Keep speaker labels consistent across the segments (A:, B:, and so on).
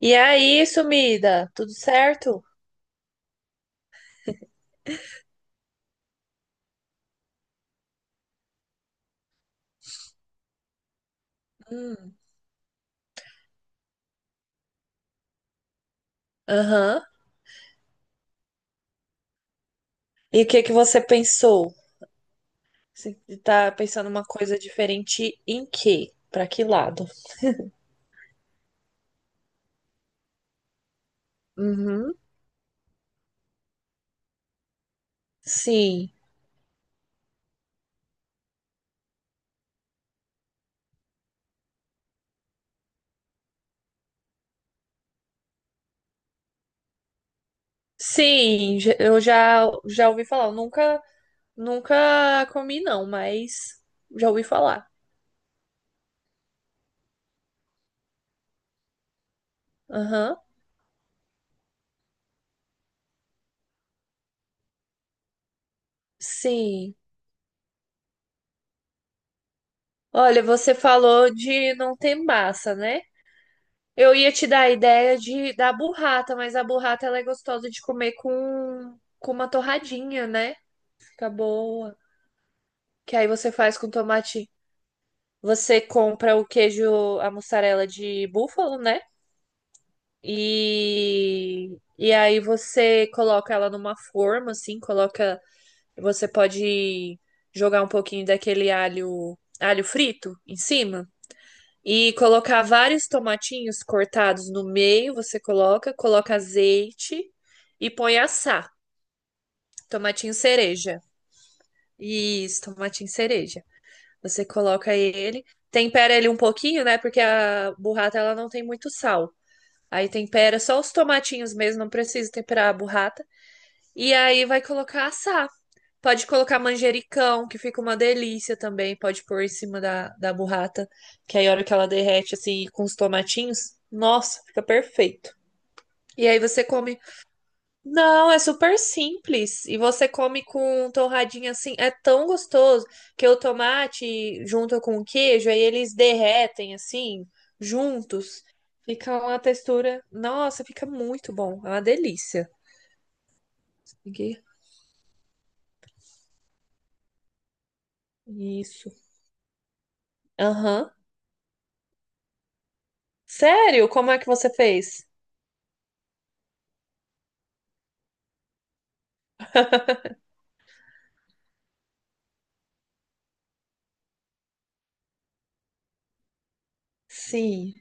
A: E aí, sumida, tudo certo? Hum. Aham. E o que que você pensou? Você tá pensando uma coisa diferente em quê? Pra que lado? Uhum. Sim. Sim, eu já ouvi falar, eu nunca comi não, mas já ouvi falar. Aham. Sim. Olha, você falou de não ter massa, né? Eu ia te dar a ideia de da burrata, mas a burrata ela é gostosa de comer com uma torradinha, né? Fica boa. Que aí você faz com tomate. Você compra o queijo, a mussarela de búfalo, né? E aí você coloca ela numa forma, assim, coloca. Você pode jogar um pouquinho daquele alho frito em cima. E colocar vários tomatinhos cortados no meio, você coloca azeite e põe assar. Tomatinho cereja. Isso, tomatinho cereja. Você coloca ele, tempera ele um pouquinho, né? Porque a burrata ela não tem muito sal. Aí tempera só os tomatinhos mesmo, não precisa temperar a burrata. E aí vai colocar assar. Pode colocar manjericão, que fica uma delícia também. Pode pôr em cima da burrata, que aí a hora que ela derrete, assim, com os tomatinhos, nossa, fica perfeito. E aí você come. Não, é super simples. E você come com torradinha assim. É tão gostoso que o tomate junto com o queijo, aí eles derretem assim, juntos. Fica uma textura. Nossa, fica muito bom. É uma delícia. Aqui. Isso. Aham. Sério? Como é que você fez? Sim.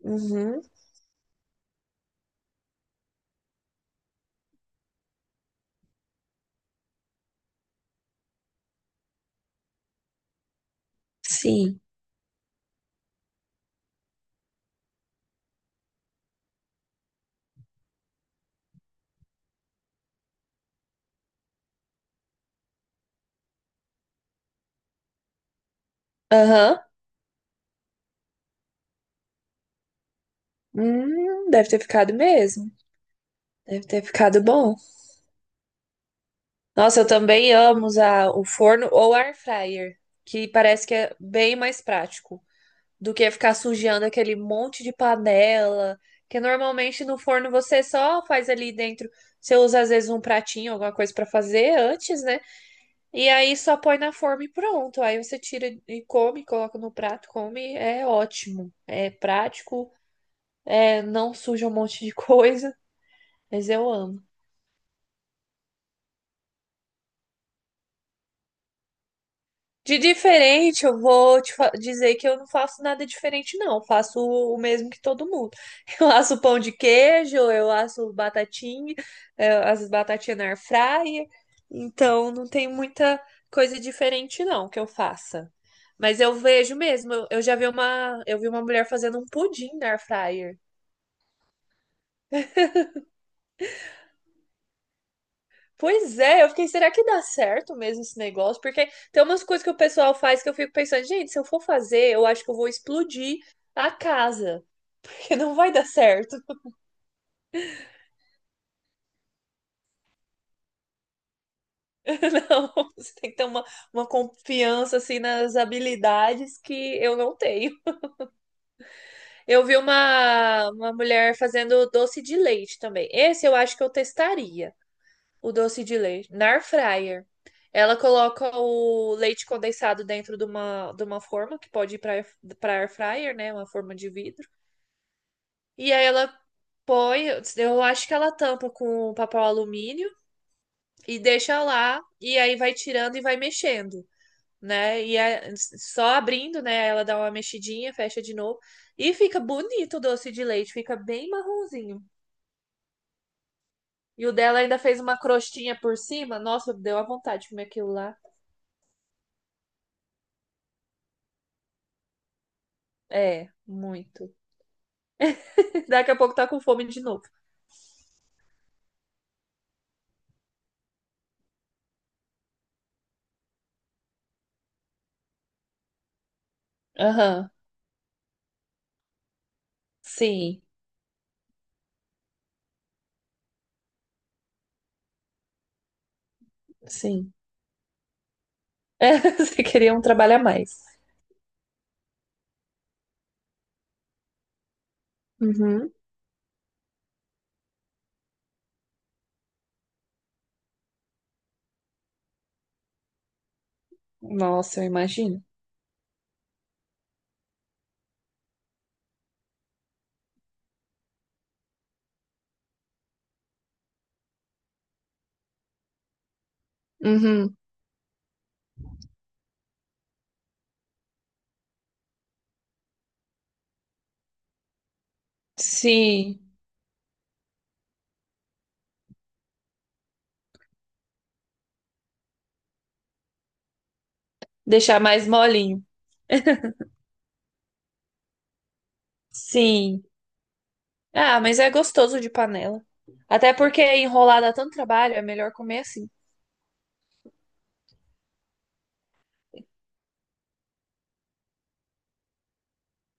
A: Uhum. Sim. Aham. Deve ter ficado mesmo. Deve ter ficado bom. Nossa, eu também amo usar o forno ou air fryer, que parece que é bem mais prático do que ficar sujando aquele monte de panela, que normalmente no forno você só faz ali dentro, você usa às vezes um pratinho, alguma coisa pra fazer antes, né? E aí só põe na forma e pronto. Aí você tira e come, coloca no prato, come, é ótimo. É prático. É, não suja um monte de coisa, mas eu amo. De diferente, eu vou te dizer que eu não faço nada diferente, não. Eu faço o mesmo que todo mundo. Eu asso pão de queijo, eu asso batatinha, eu as batatinhas na air fryer. Então, não tem muita coisa diferente, não, que eu faça. Mas eu vejo mesmo, eu vi uma mulher fazendo um pudim na air fryer. Pois é, eu fiquei, será que dá certo mesmo esse negócio? Porque tem umas coisas que o pessoal faz que eu fico pensando, gente, se eu for fazer, eu acho que eu vou explodir a casa, porque não vai dar certo. Não, você tem que ter uma confiança, assim, nas habilidades que eu não tenho. Eu vi uma mulher fazendo doce de leite também. Esse eu acho que eu testaria. O doce de leite. Na air fryer. Ela coloca o leite condensado dentro de uma forma que pode ir para air fryer, né? Uma forma de vidro. E aí ela põe, eu acho que ela tampa com papel alumínio e deixa lá e aí vai tirando e vai mexendo, né? E é só abrindo, né? Ela dá uma mexidinha, fecha de novo e fica bonito o doce de leite, fica bem marronzinho. E o dela ainda fez uma crostinha por cima. Nossa, deu a vontade de comer aquilo lá. É, muito. Daqui a pouco tá com fome de novo. Aham, sim, sim. É, você queria um trabalho a mais. Uhum. Nossa, eu imagino. Uhum, sim. Deixar mais molinho. Sim. Ah, mas é gostoso de panela. Até porque enrolar dá tanto trabalho, é melhor comer assim.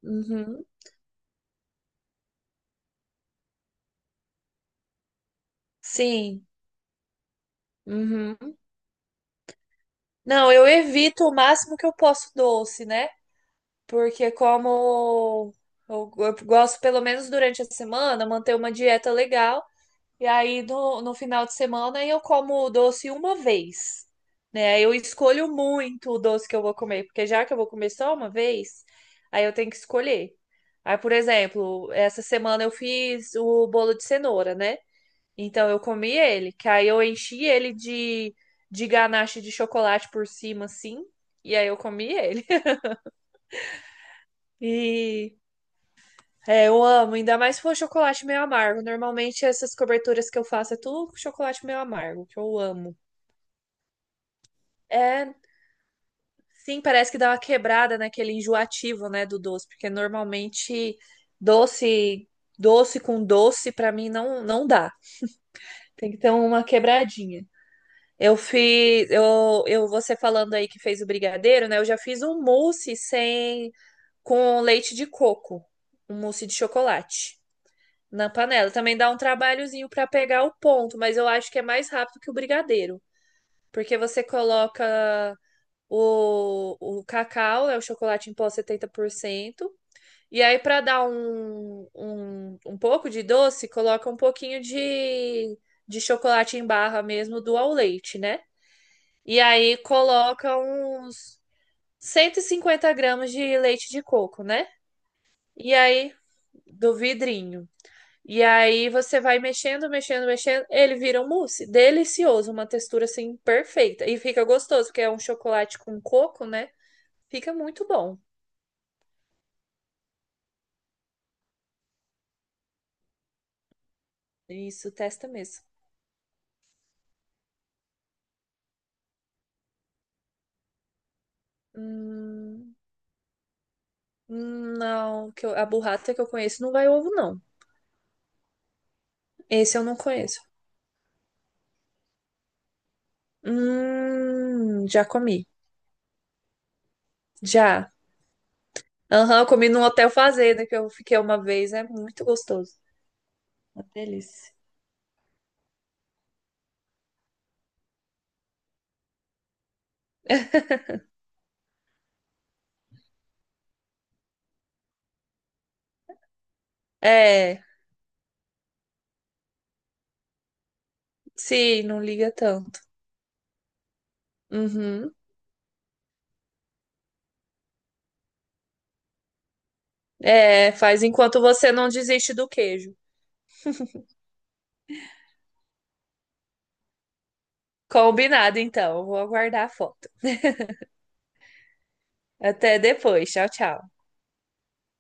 A: Uhum, sim. Uhum. Não, eu evito o máximo que eu posso doce, né? Porque como eu gosto, pelo menos durante a semana, manter uma dieta legal. E aí no final de semana eu como o doce uma vez, né? Eu escolho muito o doce que eu vou comer, porque já que eu vou comer só uma vez, aí eu tenho que escolher. Aí, por exemplo, essa semana eu fiz o bolo de cenoura, né? Então eu comi ele, que aí eu enchi ele de ganache de chocolate por cima, assim, e aí eu comi ele. E é, eu amo, ainda mais se for chocolate meio amargo. Normalmente essas coberturas que eu faço é tudo com chocolate meio amargo, que eu amo. É, sim, parece que dá uma quebrada naquele enjoativo, né, do doce, porque normalmente doce, doce com doce pra mim não dá. Tem que ter uma quebradinha. Eu fiz, eu você falando aí que fez o brigadeiro, né? Eu já fiz um mousse sem com leite de coco, um mousse de chocolate na panela. Também dá um trabalhozinho pra pegar o ponto, mas eu acho que é mais rápido que o brigadeiro, porque você coloca. O cacau é o chocolate em pó 70%. E aí, para dar um, pouco de doce, coloca um pouquinho de chocolate em barra mesmo do ao leite, né? E aí coloca uns 150 g de leite de coco, né? E aí, do vidrinho. E aí você vai mexendo, mexendo, mexendo. Ele vira um mousse. Delicioso, uma textura assim perfeita. E fica gostoso, porque é um chocolate com coco, né? Fica muito bom. Isso, testa mesmo. Hum, não, a burrata que eu conheço não vai ovo, não. Esse eu não conheço. Já comi. Já. Aham, eu comi num hotel fazenda que eu fiquei uma vez. É muito gostoso. Uma delícia. É, sim, não liga tanto. Uhum. É, faz enquanto você não desiste do queijo. Combinado, então. Eu vou aguardar a foto. Até depois. Tchau, tchau.